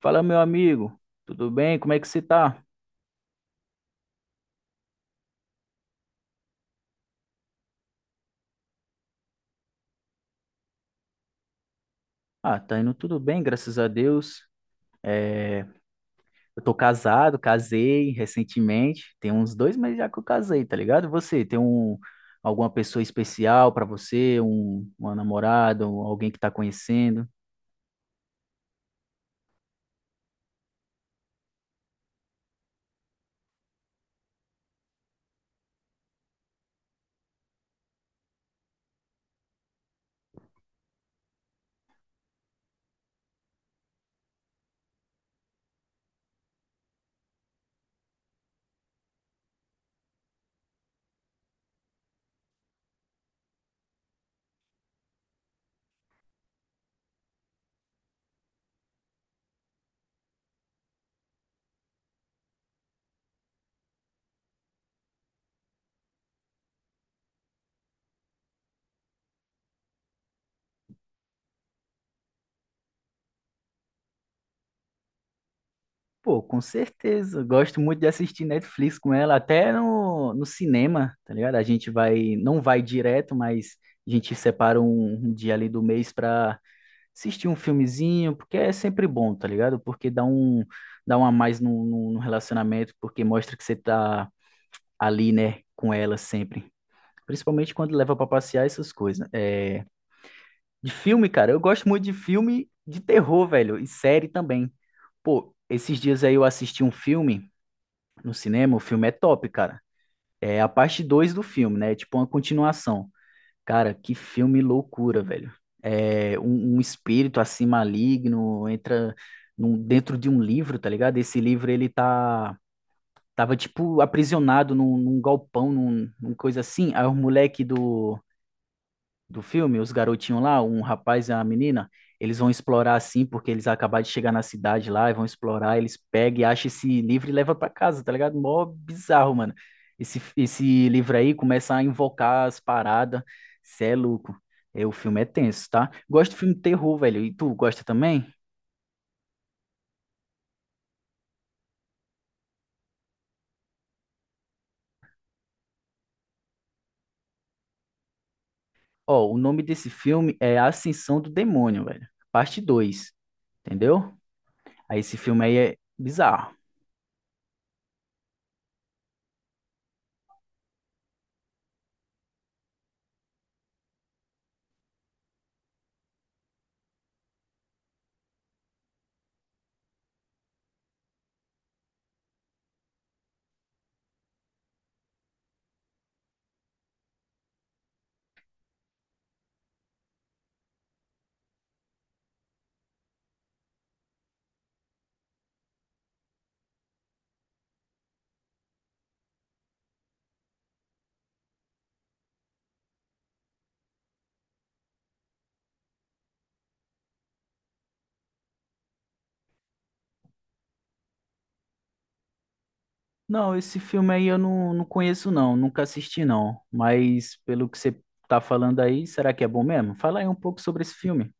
Fala, meu amigo, tudo bem? Como é que você tá? Ah, tá indo tudo bem, graças a Deus. Eu tô casado, casei recentemente, tem uns 2 meses já que eu casei, tá ligado? Você tem alguma pessoa especial pra você, uma namorada, alguém que tá conhecendo? Pô, com certeza. Eu gosto muito de assistir Netflix com ela, até no cinema, tá ligado? A gente vai, não vai direto, mas a gente separa um dia ali do mês pra assistir um filmezinho, porque é sempre bom, tá ligado? Porque dá um a mais no relacionamento, porque mostra que você tá ali, né, com ela sempre. Principalmente quando leva pra passear essas coisas, né? É, de filme, cara, eu gosto muito de filme de terror, velho, e série também. Pô, esses dias aí eu assisti um filme no cinema, o filme é top, cara. É a parte 2 do filme, né? É tipo uma continuação. Cara, que filme loucura, velho. É um espírito assim maligno entra dentro de um livro, tá ligado? Esse livro ele tava tipo aprisionado num galpão, num coisa assim. Aí o moleque do filme, os garotinhos lá, um rapaz e uma menina, eles vão explorar assim, porque eles acabaram de chegar na cidade lá e vão explorar, eles pegam e acham esse livro e levam pra casa, tá ligado? Mó bizarro, mano. Esse livro aí começa a invocar as paradas, cê é louco. É, o filme é tenso, tá? Gosto de filme de terror, velho. E tu gosta também? Ó, o nome desse filme é A Ascensão do Demônio, velho. Parte dois, entendeu? Aí esse filme aí é bizarro. Não, esse filme aí eu não conheço não, nunca assisti não, mas pelo que você tá falando aí, será que é bom mesmo? Fala aí um pouco sobre esse filme.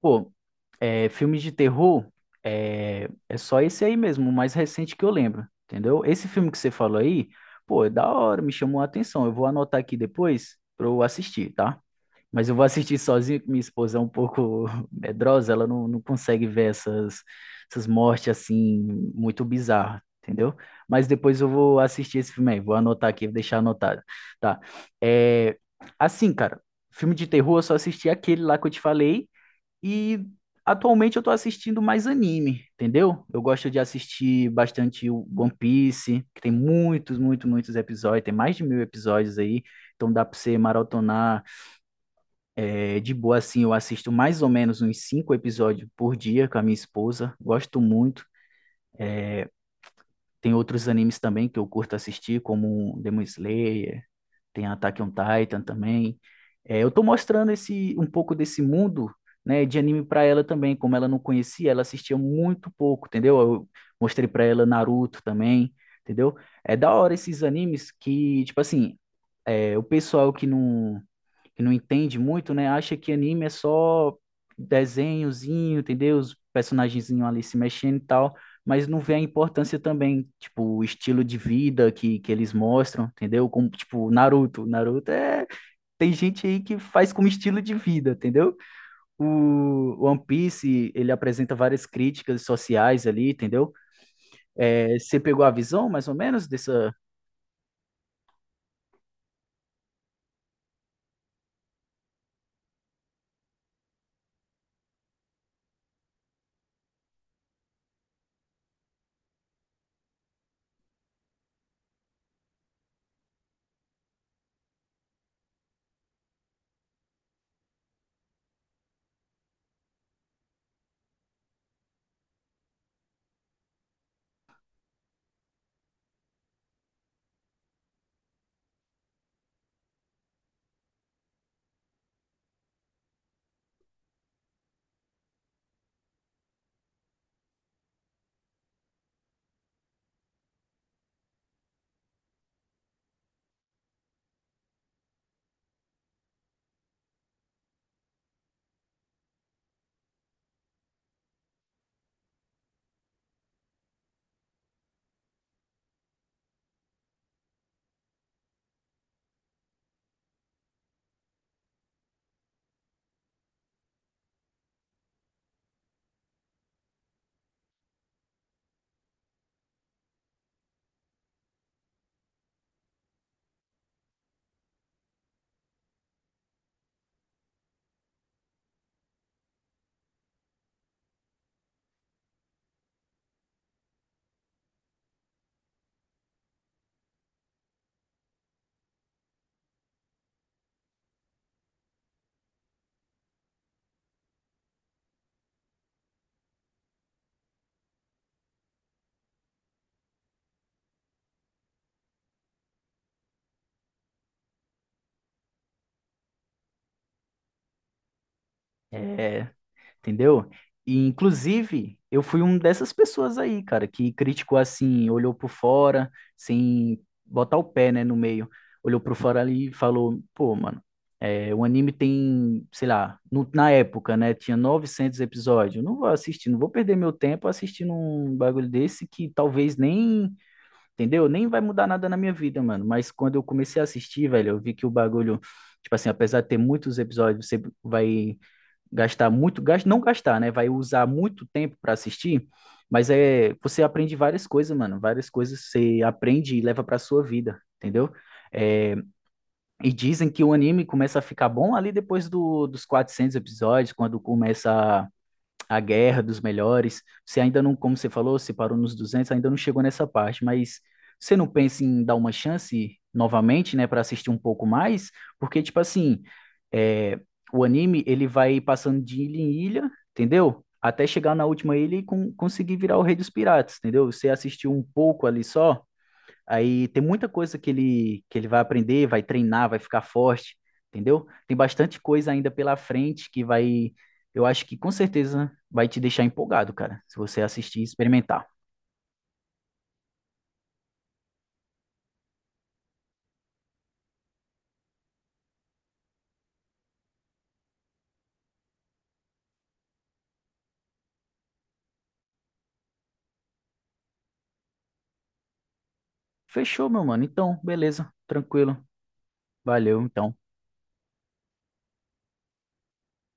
Pô, filme de terror é só esse aí mesmo, o mais recente que eu lembro, entendeu? Esse filme que você falou aí, pô, é da hora, me chamou a atenção, eu vou anotar aqui depois pra eu assistir, tá? Mas eu vou assistir sozinho, que minha esposa é um pouco medrosa, ela não consegue ver essas mortes assim, muito bizarras, entendeu? Mas depois eu vou assistir esse filme aí, vou anotar aqui, vou deixar anotado. Tá. É, assim, cara, filme de terror eu só assisti aquele lá que eu te falei, e atualmente eu tô assistindo mais anime, entendeu? Eu gosto de assistir bastante o One Piece, que tem muitos, muitos, muitos episódios, tem mais de 1.000 episódios aí, então dá pra você maratonar. É, de boa, assim, eu assisto mais ou menos uns 5 episódios por dia com a minha esposa. Gosto muito. Tem outros animes também que eu curto assistir, como Demon Slayer, tem Attack on Titan também. É, eu tô mostrando um pouco desse mundo, né, de anime para ela também. Como ela não conhecia, ela assistia muito pouco, entendeu? Eu mostrei para ela Naruto também, entendeu? É da hora esses animes que, tipo assim, o pessoal que não entende muito, né, acha que anime é só desenhozinho, entendeu? Os personagenzinhos ali se mexendo e tal, mas não vê a importância também, tipo, o estilo de vida que eles mostram, entendeu? Como, tipo, Naruto. Naruto é... Tem gente aí que faz como estilo de vida, entendeu? O One Piece, ele apresenta várias críticas sociais ali, entendeu? É, você pegou a visão, mais ou menos, dessa... é, entendeu? E, inclusive, eu fui um dessas pessoas aí, cara, que criticou assim, olhou por fora, sem botar o pé, né, no meio. Olhou por fora ali e falou, pô, mano, o anime tem, sei lá, na época, né, tinha 900 episódios. Eu não vou assistir, não vou perder meu tempo assistindo um bagulho desse que talvez nem, entendeu? Nem vai mudar nada na minha vida, mano. Mas quando eu comecei a assistir, velho, eu vi que o bagulho, tipo assim, apesar de ter muitos episódios, você vai gastar muito, não gastar, né? Vai usar muito tempo para assistir, mas você aprende várias coisas, mano, várias coisas você aprende e leva para sua vida, entendeu? É, e dizem que o anime começa a ficar bom ali depois dos 400 episódios, quando começa a guerra dos melhores. Você ainda não, como você falou, você parou nos 200, ainda não chegou nessa parte, mas você não pensa em dar uma chance novamente, né, para assistir um pouco mais? Porque, tipo assim, é, o anime, ele vai passando de ilha em ilha, entendeu? Até chegar na última ilha e conseguir virar o Rei dos Piratas, entendeu? Você assistiu um pouco ali só, aí tem muita coisa que ele vai aprender, vai treinar, vai ficar forte, entendeu? Tem bastante coisa ainda pela frente que vai, eu acho que com certeza vai te deixar empolgado, cara, se você assistir e experimentar. Fechou, meu mano. Então, beleza, tranquilo. Valeu, então.